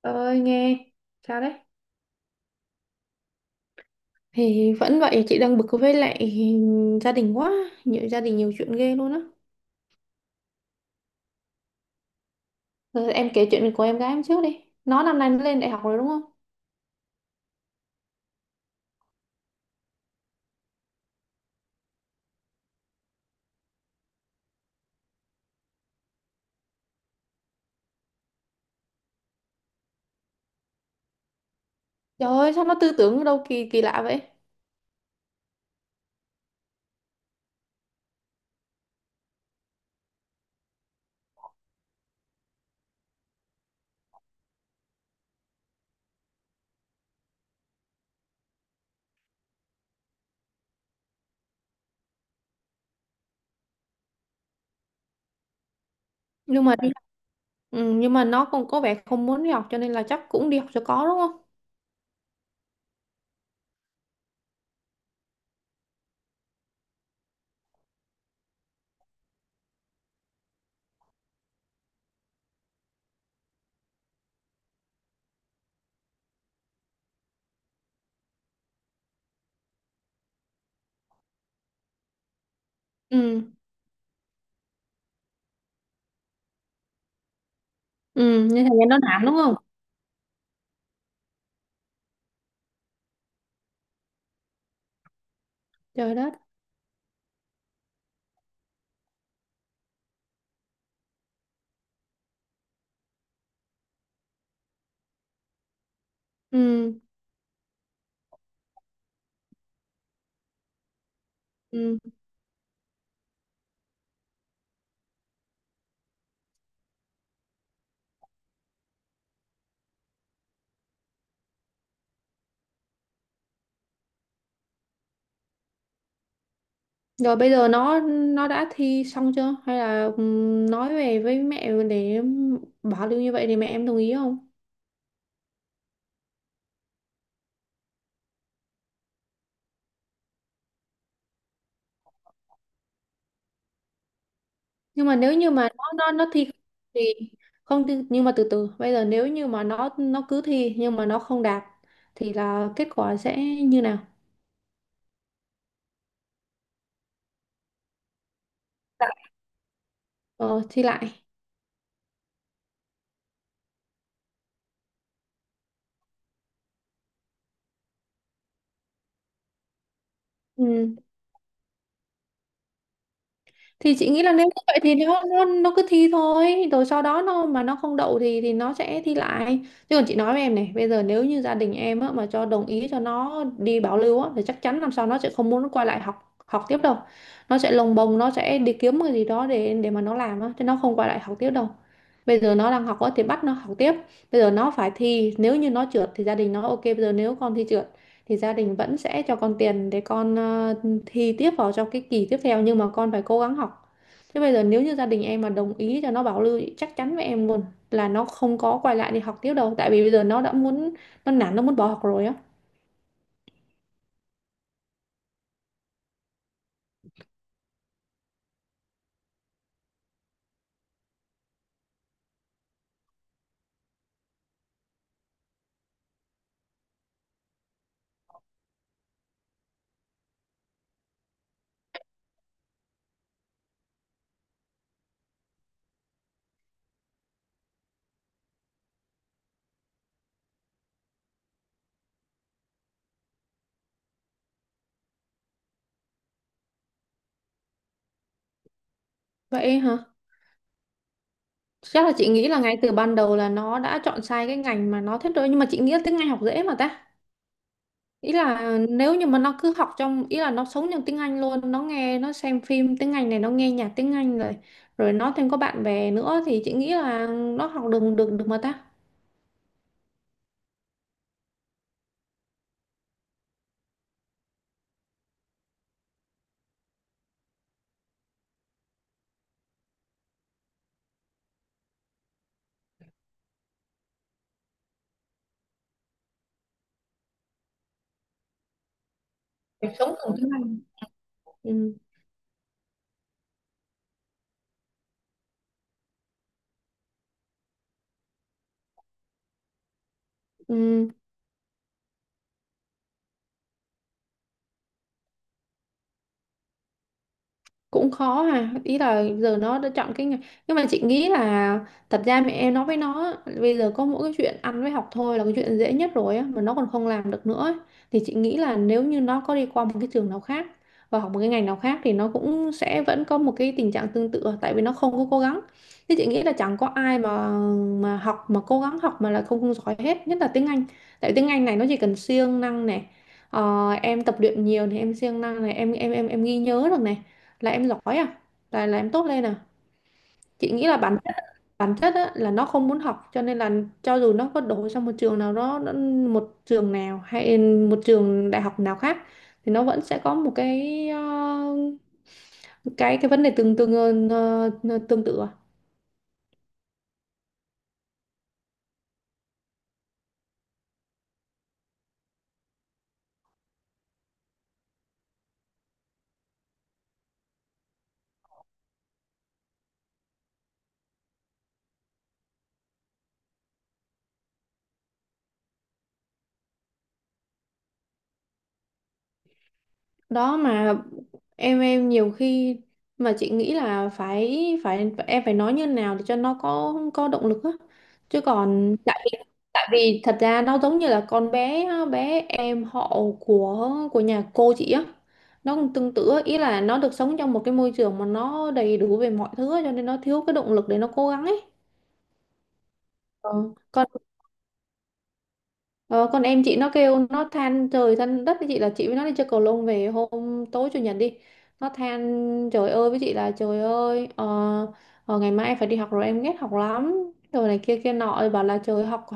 Ơi, nghe. Sao đấy? Thì vẫn vậy, chị đang bực với lại gia đình quá, nhiều gia đình nhiều chuyện ghê luôn á. Rồi em kể chuyện của em gái em trước đi. Nó năm nay nó lên đại học rồi đúng không? Trời ơi, sao nó tư tưởng đâu kỳ kỳ lạ vậy? Nhưng mà đi, ừ, nhưng mà nó cũng có vẻ không muốn đi học cho nên là chắc cũng đi học cho có đúng không? Ừ, ừ, nên thành ra nó nản đúng không? Trời đất. Ừ, ừ. Rồi bây giờ nó đã thi xong chưa? Hay là ừ, nói về với mẹ để bảo lưu như vậy thì mẹ em đồng ý không? Nhưng mà nếu như mà nó thi không thì không thi, nhưng mà từ từ bây giờ nếu như mà nó cứ thi nhưng mà nó không đạt thì là kết quả sẽ như nào? Dạ. Ờ, Thi lại, ừ. Thì chị nghĩ là nếu như vậy thì nó cứ thi thôi, rồi sau đó nó mà nó không đậu thì nó sẽ thi lại, chứ còn chị nói với em này, bây giờ nếu như gia đình em á, mà cho đồng ý cho nó đi bảo lưu á, thì chắc chắn năm sau nó sẽ không muốn quay lại học học tiếp đâu. Nó sẽ lồng bồng, nó sẽ đi kiếm cái gì đó để mà nó làm á, chứ nó không quay lại học tiếp đâu. Bây giờ nó đang học á, thì bắt nó học tiếp. Bây giờ nó phải thi, nếu như nó trượt thì gia đình nó ok, bây giờ nếu con thi trượt thì gia đình vẫn sẽ cho con tiền để con thi tiếp vào trong cái kỳ tiếp theo, nhưng mà con phải cố gắng học. Thế bây giờ nếu như gia đình em mà đồng ý cho nó bảo lưu, chắc chắn với em luôn là nó không có quay lại đi học tiếp đâu, tại vì bây giờ nó đã muốn, nó nản, nó muốn bỏ học rồi á. Vậy hả? Chắc là chị nghĩ là ngay từ ban đầu là nó đã chọn sai cái ngành mà nó thích rồi, nhưng mà chị nghĩ là tiếng Anh học dễ mà ta. Ý là nếu như mà nó cứ học trong, ý là nó sống trong tiếng Anh luôn, nó nghe, nó xem phim tiếng Anh này, nó nghe nhạc tiếng Anh rồi, rồi nó thêm có bạn bè nữa, thì chị nghĩ là nó học được được được mà ta. Cuộc sống cùng tiếng Anh, ừ, ừ. Cũng khó ha, ý là giờ nó đã chọn cái nghề, nhưng mà chị nghĩ là thật ra mẹ em nói với nó á, bây giờ có mỗi cái chuyện ăn với học thôi là cái chuyện dễ nhất rồi á mà nó còn không làm được nữa ấy. Thì chị nghĩ là nếu như nó có đi qua một cái trường nào khác và học một cái ngành nào khác thì nó cũng sẽ vẫn có một cái tình trạng tương tự, tại vì nó không có cố gắng. Thế chị nghĩ là chẳng có ai mà học mà cố gắng học mà là không, không giỏi hết, nhất là tiếng Anh. Tại vì tiếng Anh này nó chỉ cần siêng năng này. Ờ, em tập luyện nhiều thì em siêng năng này, em ghi nhớ được này, là em giỏi à, là em tốt lên à. Chị nghĩ là bản chất, bản chất á, là nó không muốn học cho nên là cho dù nó có đổ sang một trường nào đó nó, một trường nào hay một trường đại học nào khác thì nó vẫn sẽ có một cái cái vấn đề tương tương tương tự à. Đó mà em nhiều khi mà chị nghĩ là phải phải em phải nói như nào để cho nó có động lực á, chứ còn tại vì thật ra nó giống như là con bé, bé em họ của nhà cô chị á, nó cũng tương tự á. Ý là nó được sống trong một cái môi trường mà nó đầy đủ về mọi thứ á, cho nên nó thiếu cái động lực để nó cố gắng ấy. Ờ, còn em chị, nó kêu nó than trời than đất với chị là chị với nó đi chơi cầu lông về hôm tối chủ nhật đi, nó than trời ơi với chị là trời ơi, ngày mai em phải đi học rồi, em ghét học lắm rồi này kia kia nọ, bảo là trời, học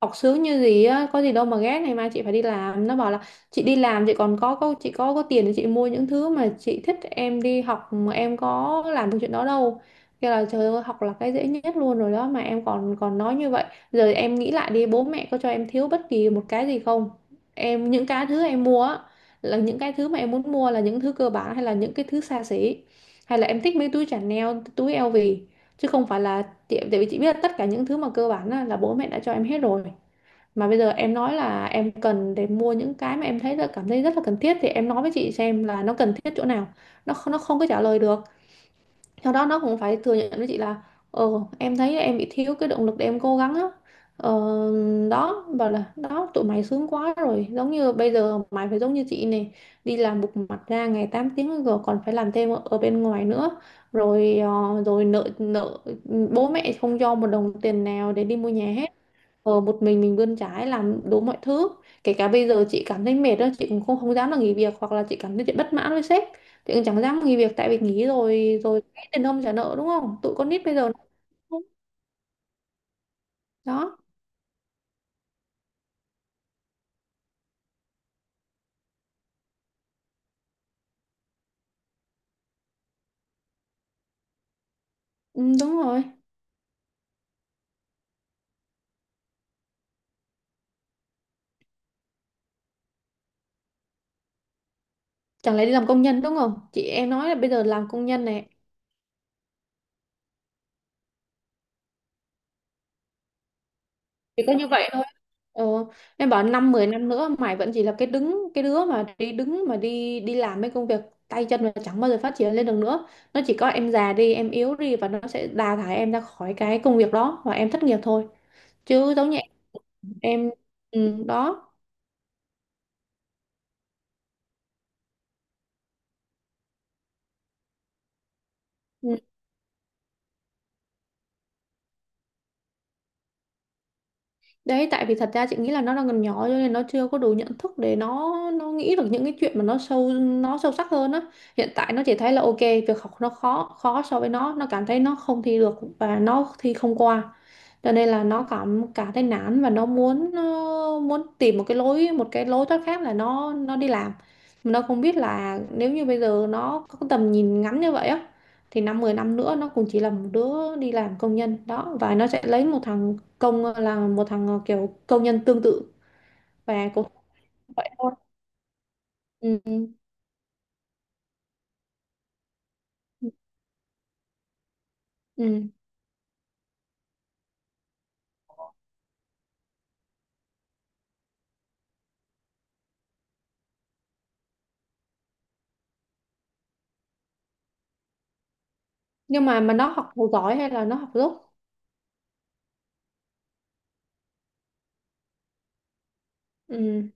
học sướng như gì á, có gì đâu mà ghét, ngày mai chị phải đi làm. Nó bảo là chị đi làm chị còn có chị có tiền để chị mua những thứ mà chị thích, em đi học mà em có làm được chuyện đó đâu. Kêu là trời ơi, học là cái dễ nhất luôn rồi đó mà em còn còn nói như vậy. Giờ em nghĩ lại đi, bố mẹ có cho em thiếu bất kỳ một cái gì không? Em những cái thứ em mua á, là những cái thứ mà em muốn mua là những thứ cơ bản hay là những cái thứ xa xỉ, hay là em thích mấy túi Chanel, túi LV, chứ không phải là chị, tại vì chị biết là tất cả những thứ mà cơ bản là bố mẹ đã cho em hết rồi, mà bây giờ em nói là em cần để mua những cái mà em thấy là cảm thấy rất là cần thiết thì em nói với chị xem là nó cần thiết chỗ nào. Nó không có trả lời được. Sau đó nó cũng phải thừa nhận với chị là ờ, em thấy em bị thiếu cái động lực để em cố gắng á. Ờ, đó, bảo là đó tụi mày sướng quá rồi, giống như bây giờ mày phải giống như chị này, đi làm bục mặt ra ngày 8 tiếng rồi còn phải làm thêm ở ở bên ngoài nữa, rồi ờ, rồi nợ nợ, bố mẹ không cho một đồng tiền nào để đi mua nhà hết. Ờ, một mình bươn chải làm đủ mọi thứ, kể cả bây giờ chị cảm thấy mệt đó chị cũng không không dám là nghỉ việc, hoặc là chị cảm thấy chị bất mãn với sếp, chị cũng chẳng dám nghỉ việc tại vì nghỉ rồi rồi tiền không trả nợ đúng không. Tụi con nít bây giờ nó cũng- đó. Ừ, đúng rồi, chẳng lẽ đi làm công nhân đúng không, chị em nói là bây giờ làm công nhân này, chỉ có như vậy thôi. Ờ, em bảo năm mười năm nữa mày vẫn chỉ là cái đứa mà đi đứng mà đi đi làm mấy công việc tay chân mà chẳng bao giờ phát triển lên được nữa. Nó chỉ có em già đi, em yếu đi và nó sẽ đào thải em ra khỏi cái công việc đó và em thất nghiệp thôi. Chứ giống như em, ừ, đó. Ừ, đấy, tại vì thật ra chị nghĩ là nó đang còn nhỏ cho nên nó chưa có đủ nhận thức để nó nghĩ được những cái chuyện mà nó sâu sắc hơn á. Hiện tại nó chỉ thấy là ok, việc học nó khó khó so với nó cảm thấy nó không thi được và nó thi không qua. Cho nên là nó cảm cảm thấy nản và nó muốn muốn tìm một cái lối thoát khác là nó đi làm. Mà nó không biết là nếu như bây giờ nó có cái tầm nhìn ngắn như vậy á thì năm 10 năm nữa nó cũng chỉ là một đứa đi làm công nhân đó và nó sẽ lấy một thằng công là một thằng kiểu công nhân tương tự và cũng vậy thôi, ừ. Ừ. Nhưng mà nó học giỏi hay là nó học dốt? Ừ.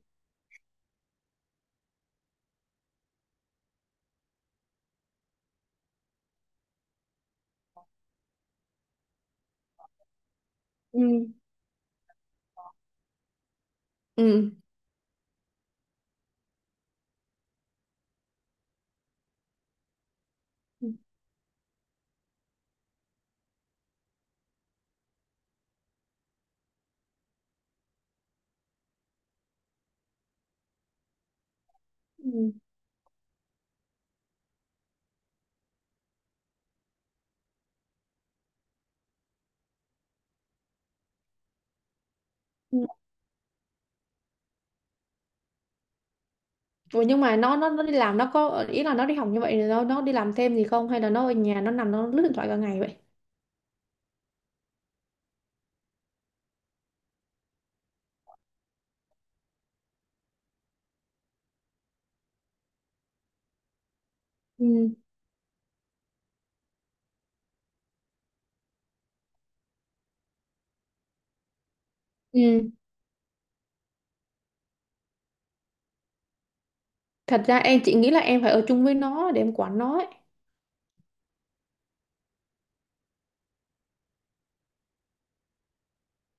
Ừ. Ừ. Ừ. Ừ. Ủa nhưng mà nó đi làm, nó có ý là nó đi học như vậy thì nó đi làm thêm gì không, hay là nó ở nhà nó nằm nó lướt điện thoại cả ngày vậy? Ừ. Ừ. Thật ra em, chị nghĩ là em phải ở chung với nó để em quản nó ấy.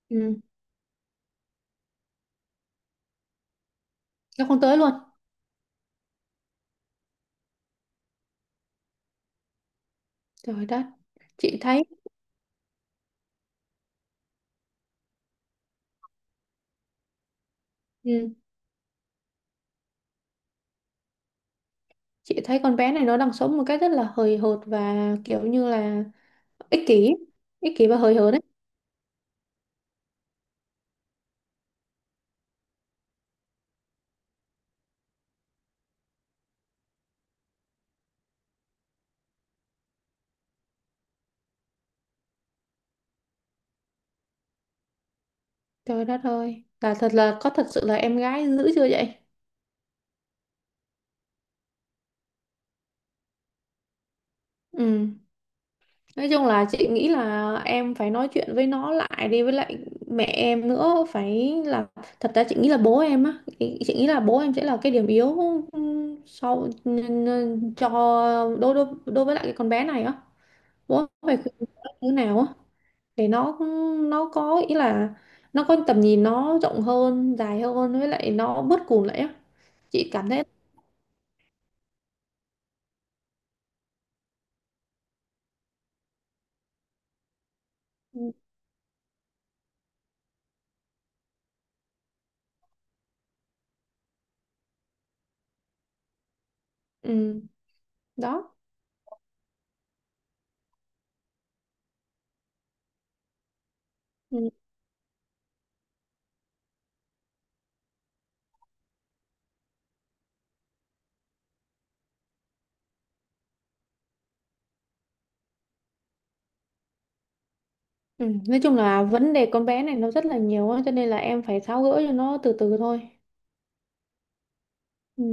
Ừ. Nó không tới luôn. Trời đất. Chị thấy, ừ. Chị thấy con bé này nó đang sống một cách rất là hời hợt và kiểu như là ích kỷ, và hời hợt đấy. Trời đất ơi, là thật là có thật sự là em gái dữ chưa vậy? Ừ, nói chung là chị nghĩ là em phải nói chuyện với nó lại đi, với lại mẹ em nữa, phải là thật ra chị nghĩ là bố em á, chị nghĩ là bố em sẽ là cái điểm yếu, ừ, sau cho đối đối đối với lại cái con bé này á. Bố phải khuyên nó như nào á để nó có ý là nó có tầm nhìn nó rộng hơn dài hơn, với lại nó bớt cùn lại á. Chị cảm thấy, ừ. Ừ, đó. Ừ. Ừ. Nói chung là vấn đề con bé này nó rất là nhiều á, cho nên là em phải tháo gỡ cho nó từ từ thôi. Ừ.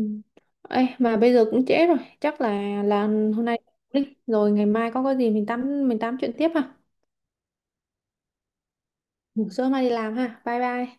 Ê, mà bây giờ cũng trễ rồi, chắc là hôm nay đi, rồi ngày mai có cái gì mình tám chuyện tiếp ha. Ngủ sớm mai đi làm ha. Bye bye.